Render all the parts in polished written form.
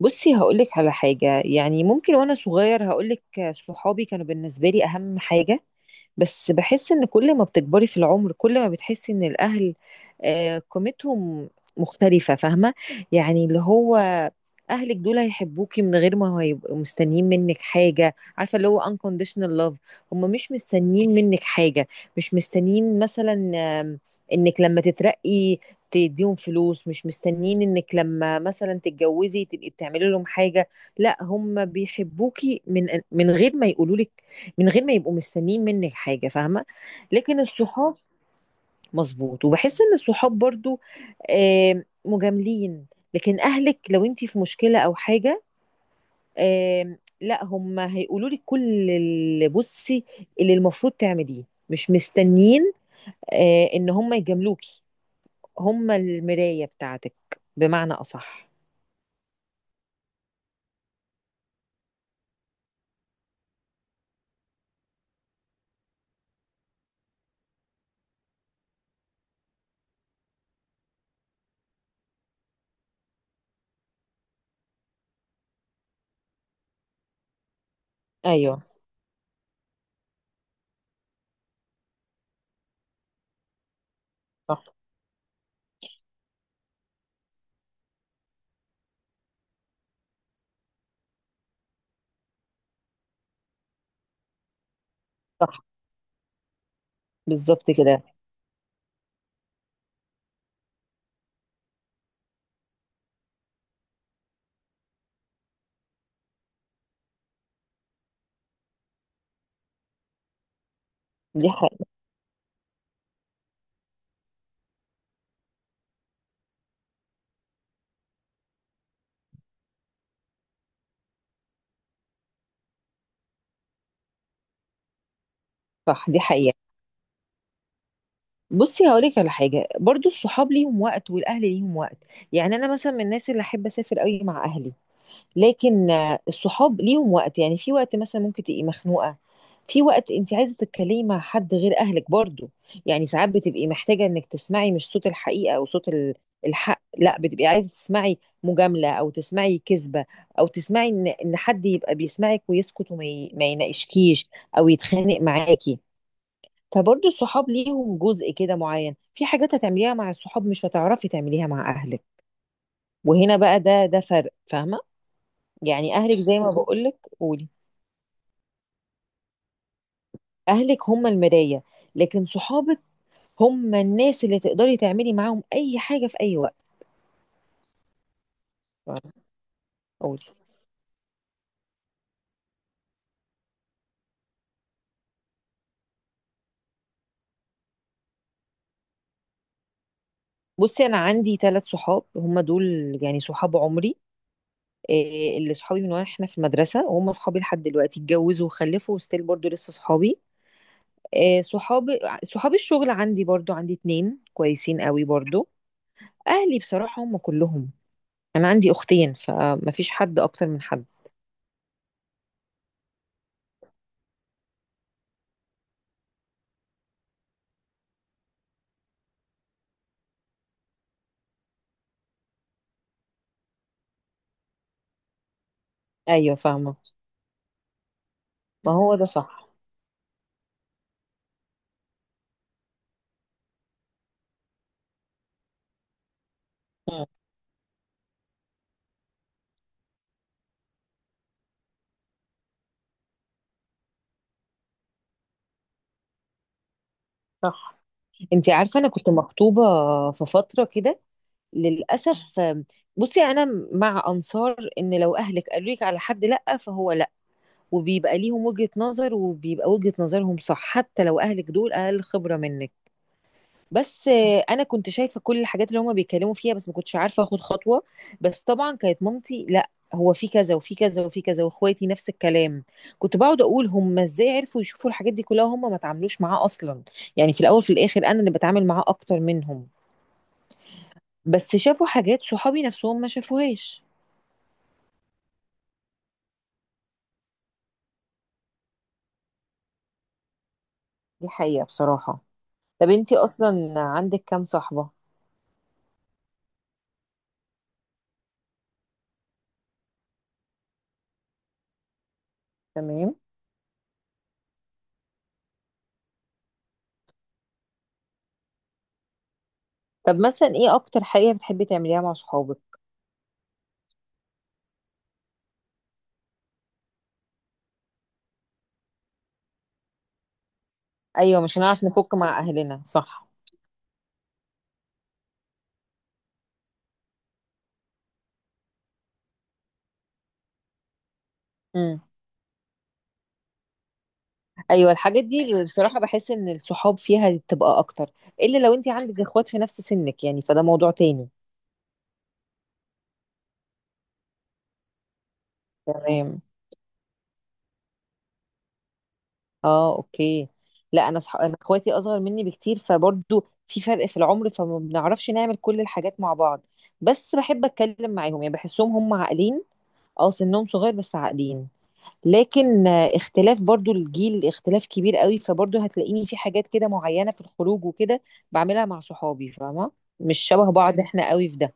بصي هقولك على حاجة، يعني ممكن وأنا صغير هقولك. صحابي كانوا بالنسبة لي أهم حاجة. بس بحس إن كل ما بتكبري في العمر كل ما بتحسي إن الأهل قيمتهم مختلفة. فاهمة؟ يعني اللي هو أهلك دول هيحبوكي من غير ما هيبقوا مستنيين منك حاجة. عارفة اللي هو unconditional love. هم مش مستنيين منك حاجة. مش مستنيين مثلا آم، إنك لما تترقي تديهم فلوس. مش مستنيين انك لما مثلا تتجوزي تبقي بتعملي لهم حاجة. لا، هم بيحبوكي من غير ما يقولوا لك، من غير ما يبقوا مستنيين منك حاجة. فاهمة؟ لكن الصحاب مظبوط. وبحس ان الصحاب برضو مجاملين. لكن اهلك لو انتي في مشكلة او حاجة، لا، هم هيقولوا لك كل اللي بصي اللي المفروض تعمليه. مش مستنيين ان هم يجاملوكي. هم المراية بتاعتك، بمعنى أصح. أيوه. صح. صح. بالظبط كده. دي حقيقة. صح، دي حقيقة. بصي هقولك على حاجة. برضو الصحاب ليهم وقت والأهل ليهم وقت. يعني أنا مثلا من الناس اللي أحب أسافر قوي مع أهلي. لكن الصحاب ليهم وقت. يعني في وقت مثلا ممكن تبقي مخنوقه، في وقت انت عايزه تتكلمي مع حد غير اهلك برضو. يعني ساعات بتبقي محتاجه انك تسمعي مش صوت الحقيقه او صوت الحق. لا، بتبقي عايزه تسمعي مجامله، او تسمعي كذبه، او تسمعي ان حد يبقى بيسمعك ويسكت وما ي- ما يناقشكيش او يتخانق معاكي. فبرضو الصحاب ليهم جزء كده معين. في حاجات هتعمليها مع الصحاب مش هتعرفي تعمليها مع اهلك. وهنا بقى ده فرق. فاهمه؟ يعني اهلك زي ما بقولك. قولي. اهلك هم المراية، لكن صحابك هم الناس اللي تقدري تعملي معاهم اي حاجة في اي وقت. قولي. بصي انا عندي ثلاث صحاب هم دول. يعني صحاب عمري. إيه اللي صحابي من واحنا في المدرسة وهم صحابي لحد دلوقتي. اتجوزوا وخلفوا وستيل برضو لسه صحابي. إيه صحابي. صحابي الشغل عندي برضو، عندي اتنين كويسين قوي برضو. اهلي بصراحة هم كلهم، انا عندي اختين فمفيش حد اكتر من حد. ايوه فاهمة. ما هو ده صح. صح. انت عارفه انا كنت مخطوبه في فتره كده، للاسف. بصي انا مع انصار ان لو اهلك قالوا لك على حد لا، فهو لا. وبيبقى ليهم وجهه نظر وبيبقى وجهه نظرهم صح، حتى لو اهلك دول اقل خبره منك. بس انا كنت شايفه كل الحاجات اللي هما بيتكلموا فيها بس ما كنتش عارفه اخد خطوه. بس طبعا كانت مامتي لا، هو في كذا وفي كذا وفي كذا، واخواتي نفس الكلام. كنت بقعد اقول هما ازاي عرفوا يشوفوا الحاجات دي كلها وهما ما تعاملوش معاه اصلا؟ يعني في الاول في الاخر انا اللي بتعامل معاه اكتر منهم، بس شافوا حاجات صحابي نفسهم ما شافوهاش. دي حقيقه بصراحه. طب انتي اصلا عندك كام صاحبه؟ تمام. طب مثلا ايه اكتر حاجه بتحبي تعمليها مع صحابك؟ ايوه مش هنعرف نفك مع اهلنا، صح. مم. ايوه الحاجات دي اللي بصراحه بحس ان الصحاب فيها بتبقى اكتر. الا لو انت عندك اخوات في نفس سنك، يعني فده موضوع تاني. تمام. اه اوكي. لا، انا انا اخواتي اصغر مني بكتير فبرضو في فرق في العمر فما بنعرفش نعمل كل الحاجات مع بعض. بس بحب اتكلم معاهم، يعني بحسهم هم عاقلين. اه سنهم صغير بس عاقلين. لكن اختلاف برضو الجيل اختلاف كبير قوي، فبرضو هتلاقيني في حاجات كده معينه في الخروج وكده بعملها مع صحابي. فاهمه؟ مش شبه بعض احنا قوي في ده.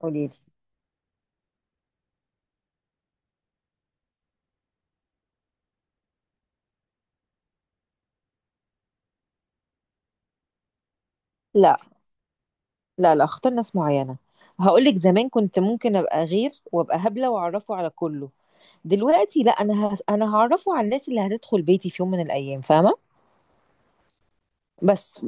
قوليلي. لا. لا لا اختار ناس معينة. هقولك زمان كنت ممكن ابقى غير وابقى هبلة واعرفه على كله. دلوقتي لا، انا انا هعرفه على الناس اللي هتدخل بيتي في يوم من الايام. فاهمة؟ بس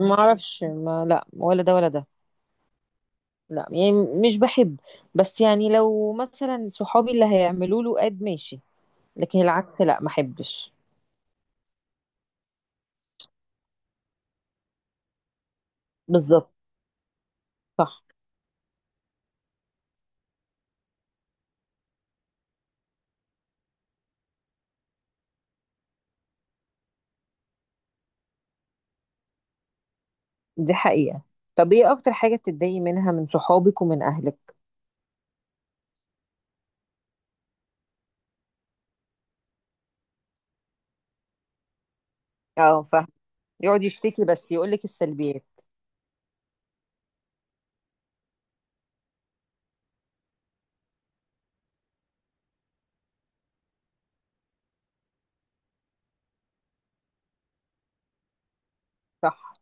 ما اعرفش، ما لا ولا ده ولا ده. لا يعني مش بحب. بس يعني لو مثلا صحابي اللي هيعملوا له اد، ماشي. لكن العكس لا، ما احبش. بالظبط. صح دي حقيقة. طب ايه اكتر حاجة بتتضايقي منها من صحابك ومن اهلك؟ اه فاهم. يقعد يشتكي بس يقولك السلبيات. صح.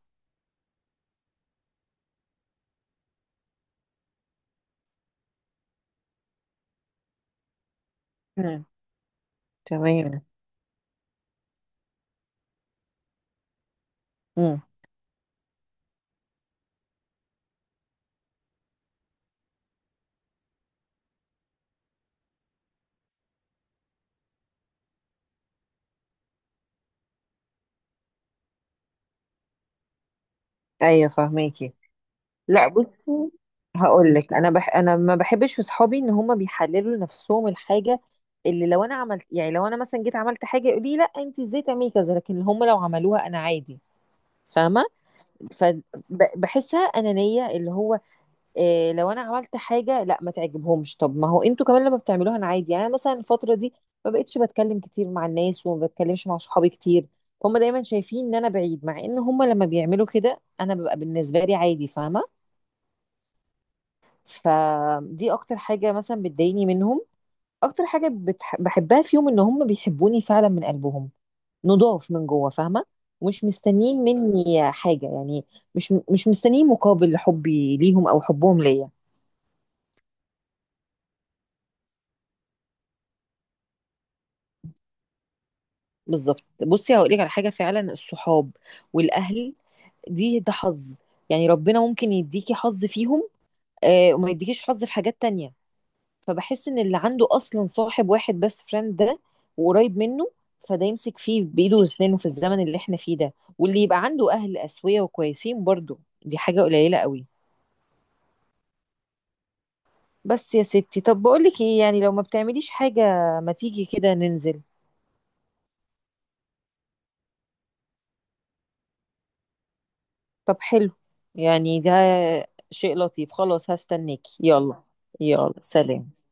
مم. تمام. امم. ايوه فاهماكي. لا بصي هقول لك. انا انا ما بحبش في صحابي ان هم بيحللوا لنفسهم الحاجه اللي لو انا عملت. يعني لو انا مثلا جيت عملت حاجه يقولي لي لا، انت ازاي تعملي كذا، لكن هم لو عملوها انا عادي. فاهمه؟ فبحسها انانيه. اللي هو إيه، لو انا عملت حاجه لا ما تعجبهمش، طب ما هو انتوا كمان لما بتعملوها انا عادي. يعني أنا مثلا الفتره دي ما بقتش بتكلم كتير مع الناس وما بتكلمش مع صحابي كتير. هم دايما شايفين ان انا بعيد، مع ان هم لما بيعملوا كده انا ببقى بالنسبه لي عادي. فاهمه؟ فدي اكتر حاجه مثلا بتضايقني منهم. اكتر حاجه بحبها فيهم ان هم بيحبوني فعلا من قلبهم، نضاف من جوه. فاهمه؟ ومش مستنيين مني حاجه يعني. مش مستنيين مقابل حبي ليهم او حبهم ليا. بالظبط بصي هقول لك على حاجه. فعلا الصحاب والاهل دي ده حظ. يعني ربنا ممكن يديكي حظ فيهم وما يديكيش حظ في حاجات تانية. فبحس ان اللي عنده اصلا صاحب واحد بس فريند ده وقريب منه، فده يمسك فيه بايده واسنانه في الزمن اللي احنا فيه ده. واللي يبقى عنده اهل اسويه وكويسين برضو، دي حاجه قليله قوي. بس يا ستي طب بقول لك ايه، يعني لو ما بتعمليش حاجه ما تيجي كده ننزل. طب حلو. يعني ده شيء لطيف. خلاص هستناكي، يلا. يلا سلام.